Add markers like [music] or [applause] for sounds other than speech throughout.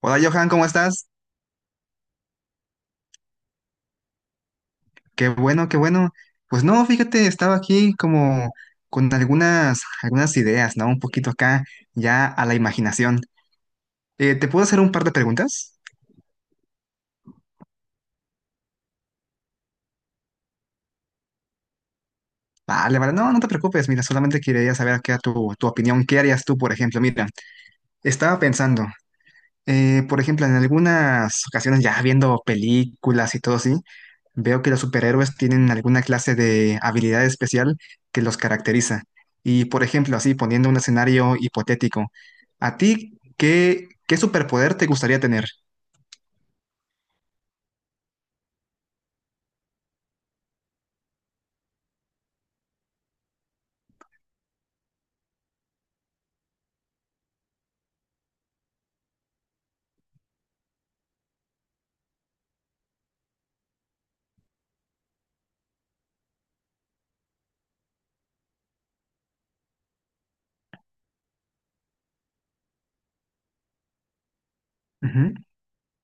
Hola Johan, ¿cómo estás? Qué bueno, qué bueno. Pues no, fíjate, estaba aquí como con algunas ideas, ¿no? Un poquito acá, ya a la imaginación. ¿Te puedo hacer un par de preguntas? Vale, vale, no, no te preocupes, mira, solamente quería saber qué era tu opinión, ¿qué harías tú, por ejemplo? Mira, estaba pensando. Por ejemplo, en algunas ocasiones ya viendo películas y todo así, veo que los superhéroes tienen alguna clase de habilidad especial que los caracteriza. Y por ejemplo, así poniendo un escenario hipotético, ¿a ti qué superpoder te gustaría tener?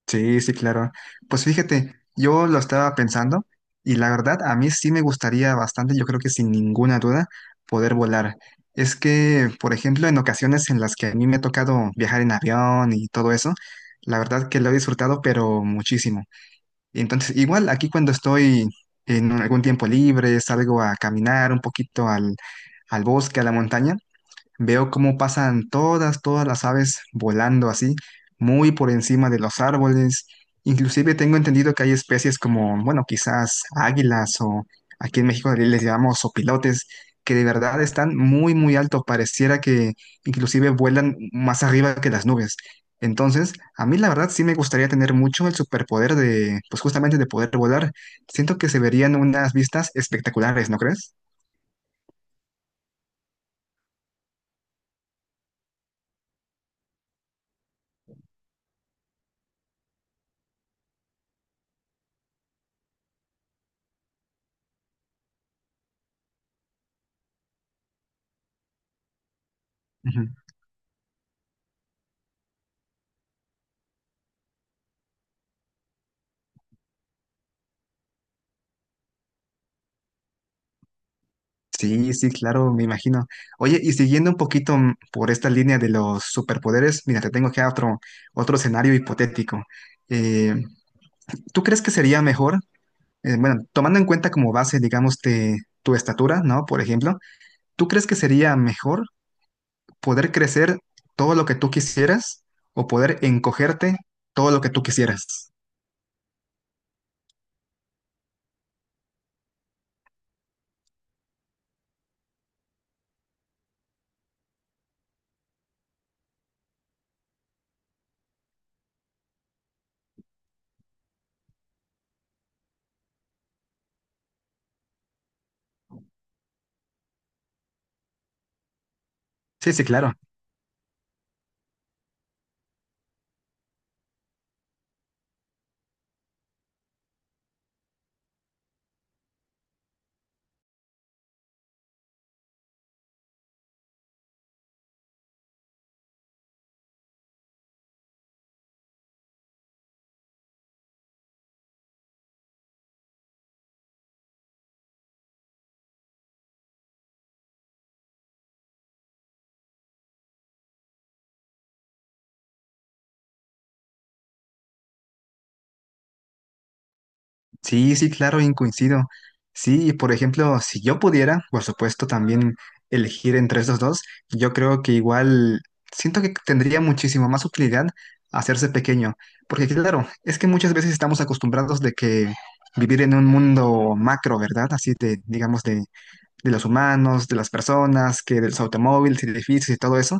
Sí, sí, claro. Pues fíjate, yo lo estaba pensando y la verdad a mí sí me gustaría bastante, yo creo que sin ninguna duda, poder volar. Es que, por ejemplo, en ocasiones en las que a mí me ha tocado viajar en avión y todo eso, la verdad que lo he disfrutado, pero muchísimo. Entonces, igual aquí cuando estoy algún tiempo libre, salgo a caminar un poquito al bosque, a la montaña. Veo cómo pasan todas las aves volando así, muy por encima de los árboles. Inclusive tengo entendido que hay especies como, bueno, quizás águilas o aquí en México les llamamos sopilotes que de verdad están muy alto. Pareciera que inclusive vuelan más arriba que las nubes. Entonces, a mí la verdad sí me gustaría tener mucho el superpoder de, pues justamente de poder volar. Siento que se verían unas vistas espectaculares, ¿no crees? Sí, sí, claro, me imagino. Oye, y siguiendo un poquito por esta línea de los superpoderes, mira, te tengo acá otro escenario hipotético. Eh, ¿Tú crees que sería mejor, bueno, tomando en cuenta como base, digamos, de tu estatura, ¿no? Por ejemplo, ¿tú crees que sería mejor poder crecer todo lo que tú quisieras o poder encogerte todo lo que tú quisieras? Sí, sí, claro. Sí, sí, claro, bien coincido. Sí, por ejemplo, si yo pudiera, por supuesto, también elegir entre estos dos, yo creo que igual siento que tendría muchísimo más utilidad hacerse pequeño, porque claro, es que muchas veces estamos acostumbrados de que vivir en un mundo macro, ¿verdad? Así de, digamos, de los humanos, de las personas, que de los automóviles, edificios y todo eso,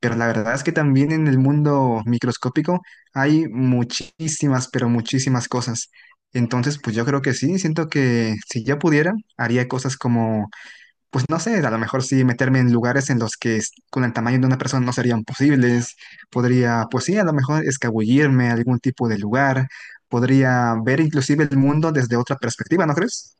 pero la verdad es que también en el mundo microscópico hay muchísimas, pero muchísimas cosas. Entonces, pues yo creo que sí, siento que si yo pudiera, haría cosas como, pues no sé, a lo mejor sí meterme en lugares en los que con el tamaño de una persona no serían posibles, podría, pues sí, a lo mejor escabullirme a algún tipo de lugar, podría ver inclusive el mundo desde otra perspectiva, ¿no crees?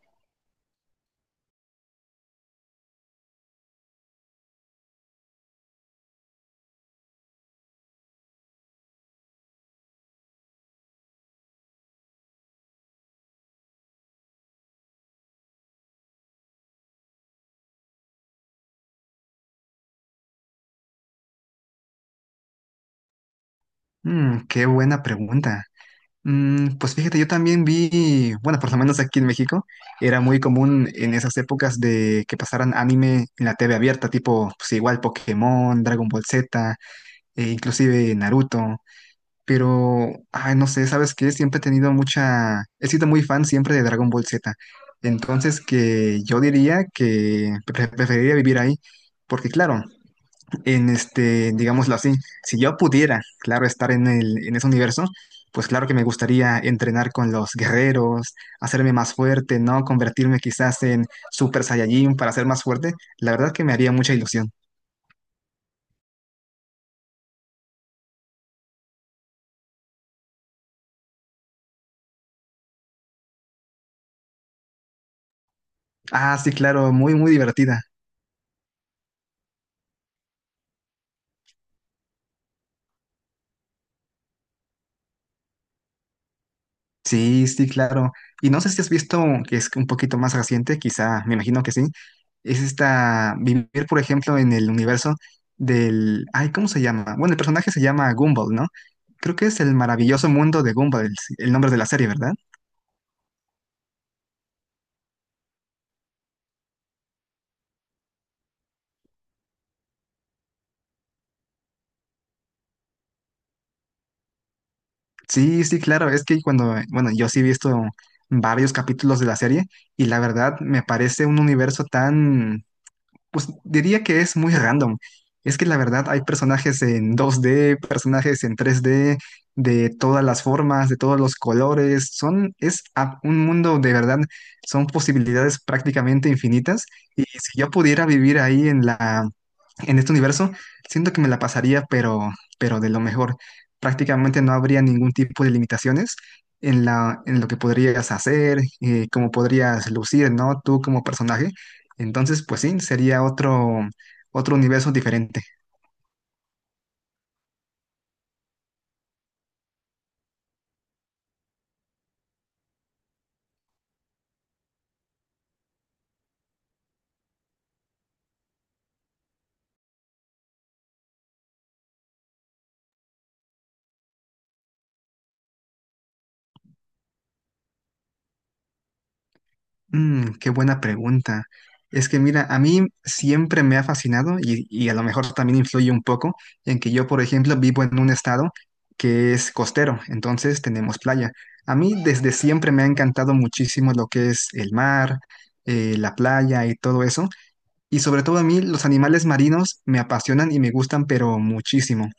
Mm, qué buena pregunta. Mm, pues fíjate, yo también vi, bueno, por lo menos aquí en México, era muy común en esas épocas de que pasaran anime en la TV abierta, tipo, pues igual Pokémon, Dragon Ball Z, e inclusive Naruto, pero, ay, no sé, ¿sabes qué? Siempre he tenido mucha, he sido muy fan siempre de Dragon Ball Z, entonces que yo diría que preferiría vivir ahí, porque claro, en este, digámoslo así, si yo pudiera, claro, estar en en ese universo, pues claro que me gustaría entrenar con los guerreros, hacerme más fuerte, ¿no? Convertirme quizás en Super Saiyajin para ser más fuerte. La verdad que me haría mucha ilusión. Ah, sí, claro, muy divertida. Sí, sí, claro. Y no sé si has visto que es un poquito más reciente, quizá, me imagino que sí. Es esta, vivir, por ejemplo, en el universo del, ay, ¿cómo se llama? Bueno, el personaje se llama Gumball, ¿no? Creo que es el maravilloso mundo de Gumball, el nombre de la serie, ¿verdad? Sí, sí, claro. Es que cuando, bueno, yo sí he visto varios capítulos de la serie y la verdad me parece un universo tan. Pues diría que es muy random. Es que la verdad hay personajes en 2D, personajes en 3D, de todas las formas, de todos los colores. Son, un mundo de verdad, son posibilidades prácticamente infinitas. Y si yo pudiera vivir ahí en en este universo, siento que me la pasaría, pero de lo mejor. Prácticamente no habría ningún tipo de limitaciones en en lo que podrías hacer, cómo podrías lucir, ¿no? Tú como personaje. Entonces, pues sí, sería otro universo diferente. Mm, qué buena pregunta. Es que mira, a mí siempre me ha fascinado y a lo mejor también influye un poco en que yo, por ejemplo, vivo en un estado que es costero, entonces tenemos playa. A mí desde siempre me ha encantado muchísimo lo que es el mar, la playa y todo eso. Y sobre todo a mí los animales marinos me apasionan y me gustan, pero muchísimo.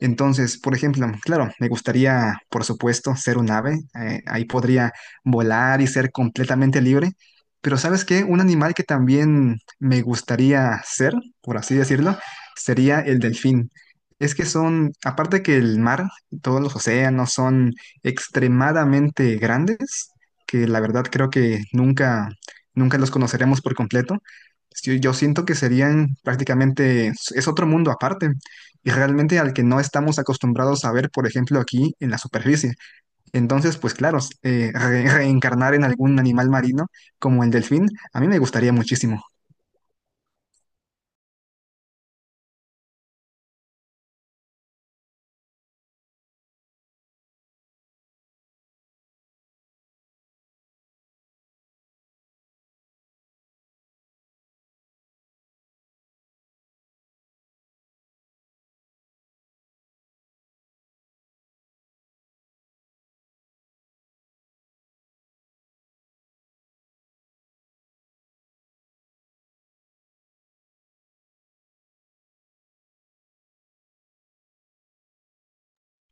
Entonces, por ejemplo, claro, me gustaría, por supuesto, ser un ave. Ahí podría volar y ser completamente libre. Pero ¿sabes qué? Un animal que también me gustaría ser, por así decirlo, sería el delfín. Es que son, aparte que el mar, todos los océanos son extremadamente grandes, que la verdad creo que nunca, nunca los conoceremos por completo. Yo siento que serían prácticamente, es otro mundo aparte y realmente al que no estamos acostumbrados a ver, por ejemplo, aquí en la superficie. Entonces, pues claro, reencarnar en algún animal marino como el delfín, a mí me gustaría muchísimo.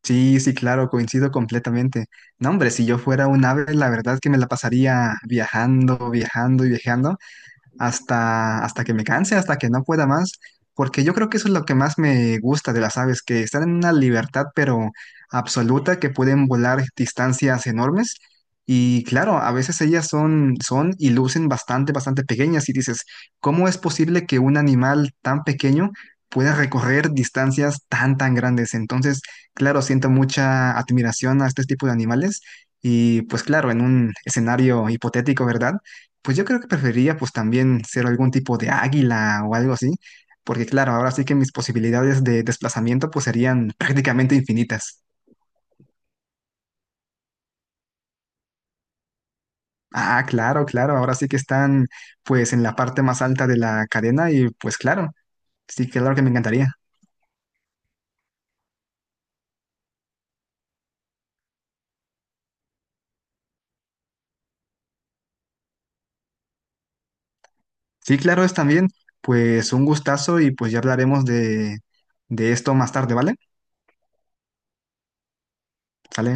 Sí, sí, claro, coincido completamente. No, hombre, si yo fuera un ave, la verdad que me la pasaría viajando, viajando y viajando hasta que me canse, hasta que no pueda más, porque yo creo que eso es lo que más me gusta de las aves, que están en una libertad pero absoluta, que pueden volar distancias enormes. Y claro, a veces ellas son y lucen bastante, bastante pequeñas y dices, ¿cómo es posible que un animal tan pequeño pueda recorrer distancias tan grandes? Entonces, claro, siento mucha admiración a este tipo de animales y pues claro, en un escenario hipotético, ¿verdad? Pues yo creo que preferiría pues también ser algún tipo de águila o algo así, porque claro, ahora sí que mis posibilidades de desplazamiento pues serían [laughs] prácticamente infinitas. Ah, claro, claro, ahora sí que están pues en la parte más alta de la cadena y pues claro, sí, claro que me encantaría. Sí, claro, es también pues un gustazo y pues ya hablaremos de esto más tarde, ¿vale? ¿Sale?